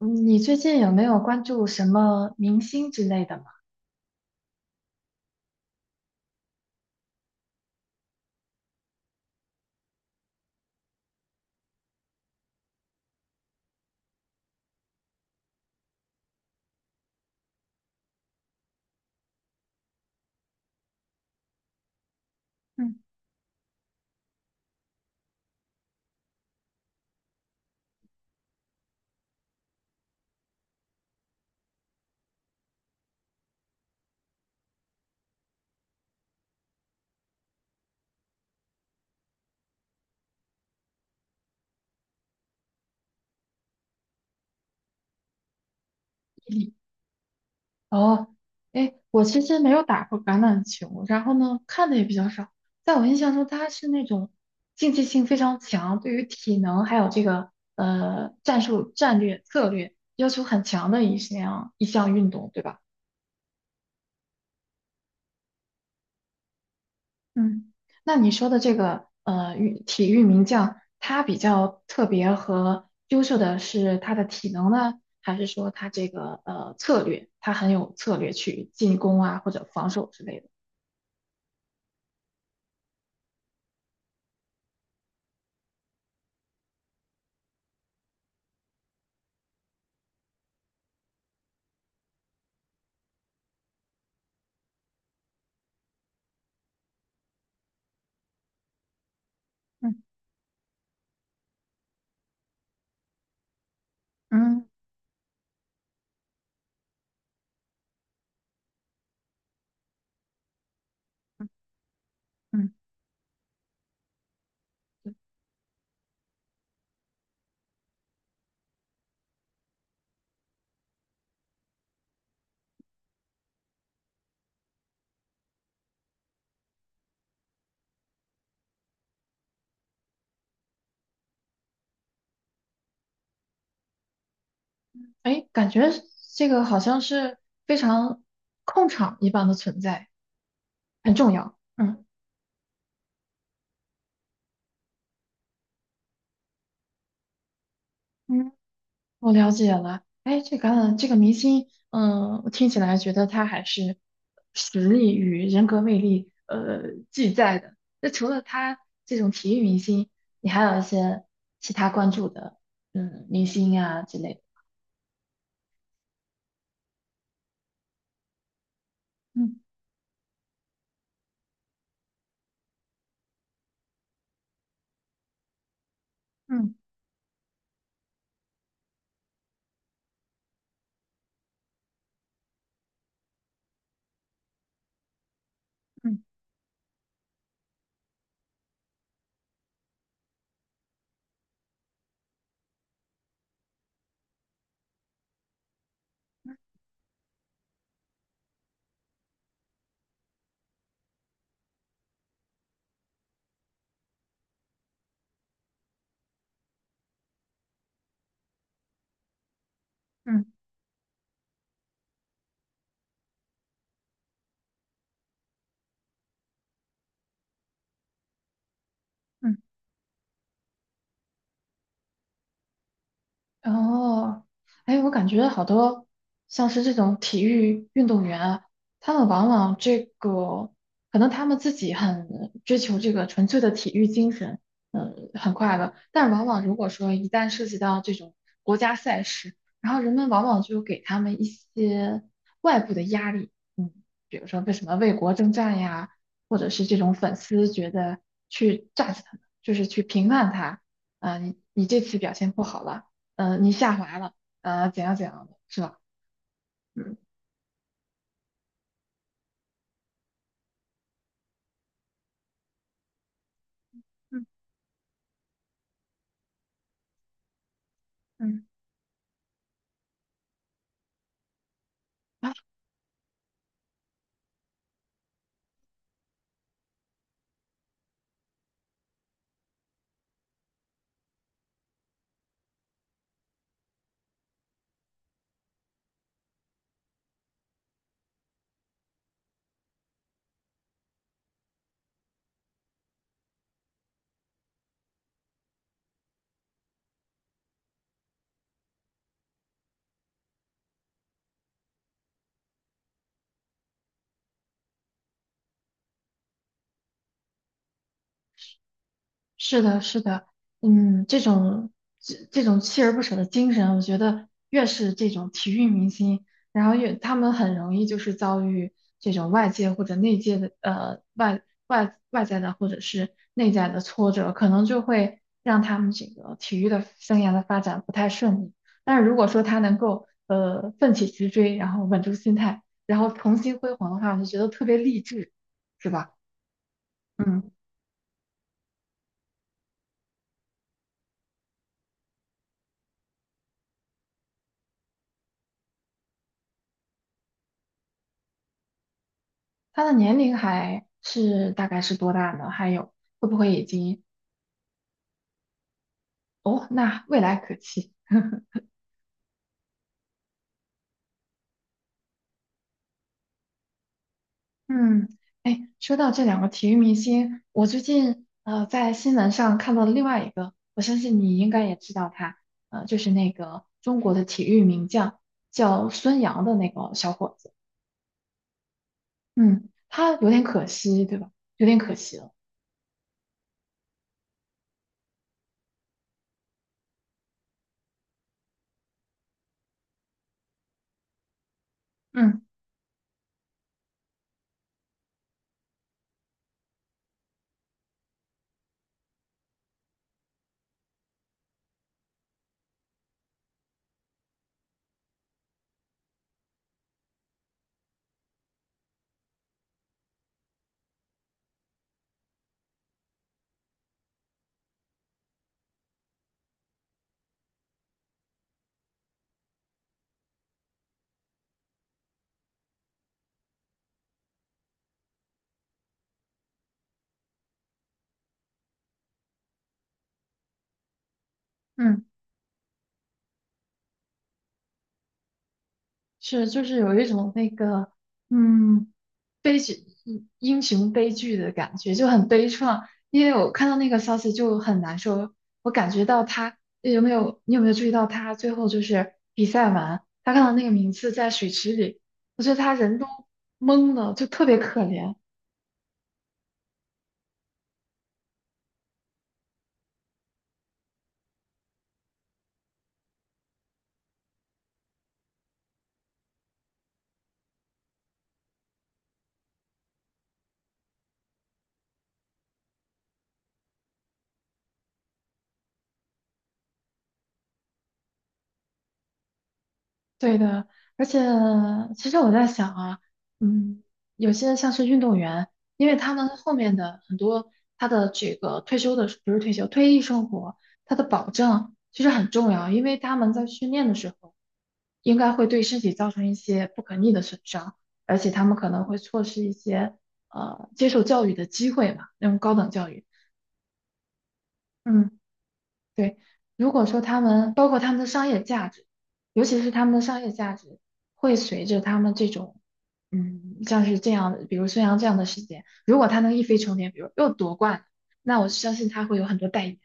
嗯你最近有没有关注什么明星之类的吗？嗯，嗯哦，哎，我其实没有打过橄榄球，然后呢，看的也比较少。在我印象中，他是那种竞技性非常强，对于体能还有这个战术、战略、策略要求很强的一项运动，对吧？嗯，那你说的这个运体育名将，他比较特别和优秀的是他的体能呢，还是说他这个策略，他很有策略去进攻啊或者防守之类的？嗯嗯嗯，哎，感觉这个好像是非常控场一般的存在，很重要。嗯我了解了，哎，这个明星，嗯，我听起来觉得他还是实力与人格魅力，俱在的。那除了他这种体育明星，你还有一些其他关注的，嗯，明星啊之类的。嗯嗯嗯嗯嗯。哦，哎，我感觉好多像是这种体育运动员啊，他们往往这个可能他们自己很追求这个纯粹的体育精神，嗯，很快乐。但往往如果说一旦涉及到这种国家赛事，然后人们往往就给他们一些外部的压力，嗯，比如说为什么为国征战呀，或者是这种粉丝觉得去炸 u 他们，就是去评判他，啊、你这次表现不好了。嗯，你下滑了，怎样的，是吧？嗯嗯嗯，是的，是的，嗯，这种这种锲而不舍的精神，我觉得越是这种体育明星，然后越他们很容易就是遭遇这种外界或者内界的外在的或者是内在的挫折，可能就会让他们这个体育的生涯的发展不太顺利。但是如果说他能够奋起直追，然后稳住心态，然后重新辉煌的话，我就觉得特别励志，是吧？嗯。他的年龄还是大概是多大呢？还有会不会已经哦？那未来可期。嗯，哎，说到这两个体育明星，我最近在新闻上看到了另外一个，我相信你应该也知道他，就是那个中国的体育名将叫孙杨的那个小伙子。嗯，他有点可惜，对吧？有点可惜了。嗯嗯，是就是有一种那个。嗯，悲剧，英雄悲剧的感觉，就很悲怆。因为我看到那个消息就很难受，我感觉到他有没有，你有没有注意到他最后就是比赛完，他看到那个名次在水池里，我觉得他人都懵了，就特别可怜。对的，而且其实我在想啊，嗯，有些像是运动员，因为他们后面的很多他的这个退休的，不是退休，退役生活，他的保障其实很重要，因为他们在训练的时候，应该会对身体造成一些不可逆的损伤，而且他们可能会错失一些接受教育的机会嘛，那种高等教育。嗯，对，如果说他们包括他们的商业价值，尤其是他们的商业价值会随着他们这种，嗯，像是这样的，比如孙杨这样的事件，如果他能一飞冲天，比如又夺冠，那我相信他会有很多代言。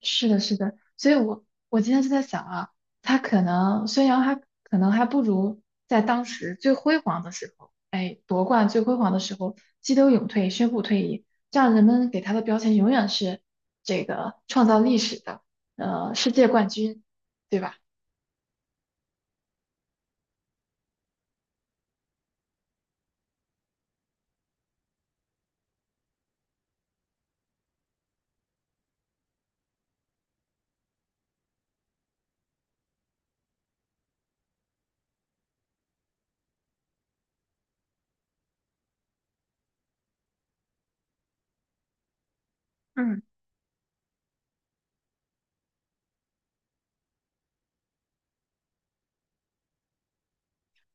是的，是的，所以我今天就在想啊，他可能孙杨还可能还不如在当时最辉煌的时候，哎，夺冠最辉煌的时候激流勇退，宣布退役，这样人们给他的标签永远是这个创造历史的，世界冠军，对吧？嗯。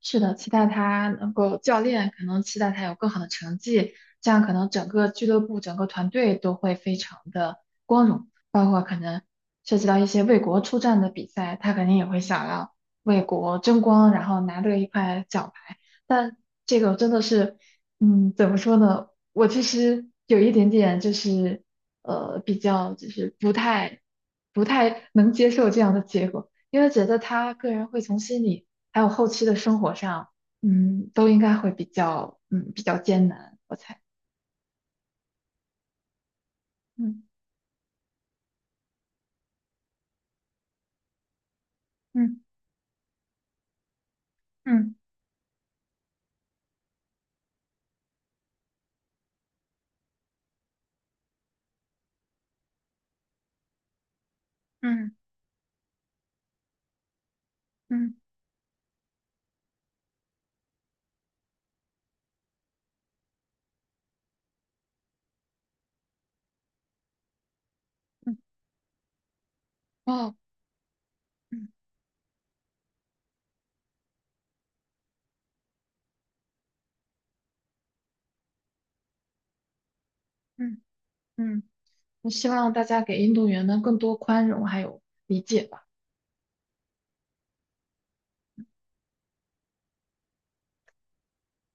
是的，期待他能够教练可能期待他有更好的成绩，这样可能整个俱乐部、整个团队都会非常的光荣，包括可能涉及到一些为国出战的比赛，他肯定也会想要为国争光，然后拿得一块奖牌。但这个真的是，嗯，怎么说呢？我其实有一点点就是，比较就是不太能接受这样的结果，因为觉得他个人会从心里。还有后期的生活上，嗯，都应该会比较，嗯，比较艰难，我猜。嗯嗯嗯嗯嗯嗯哦嗯嗯嗯，我希望大家给运动员们更多宽容还有理解吧。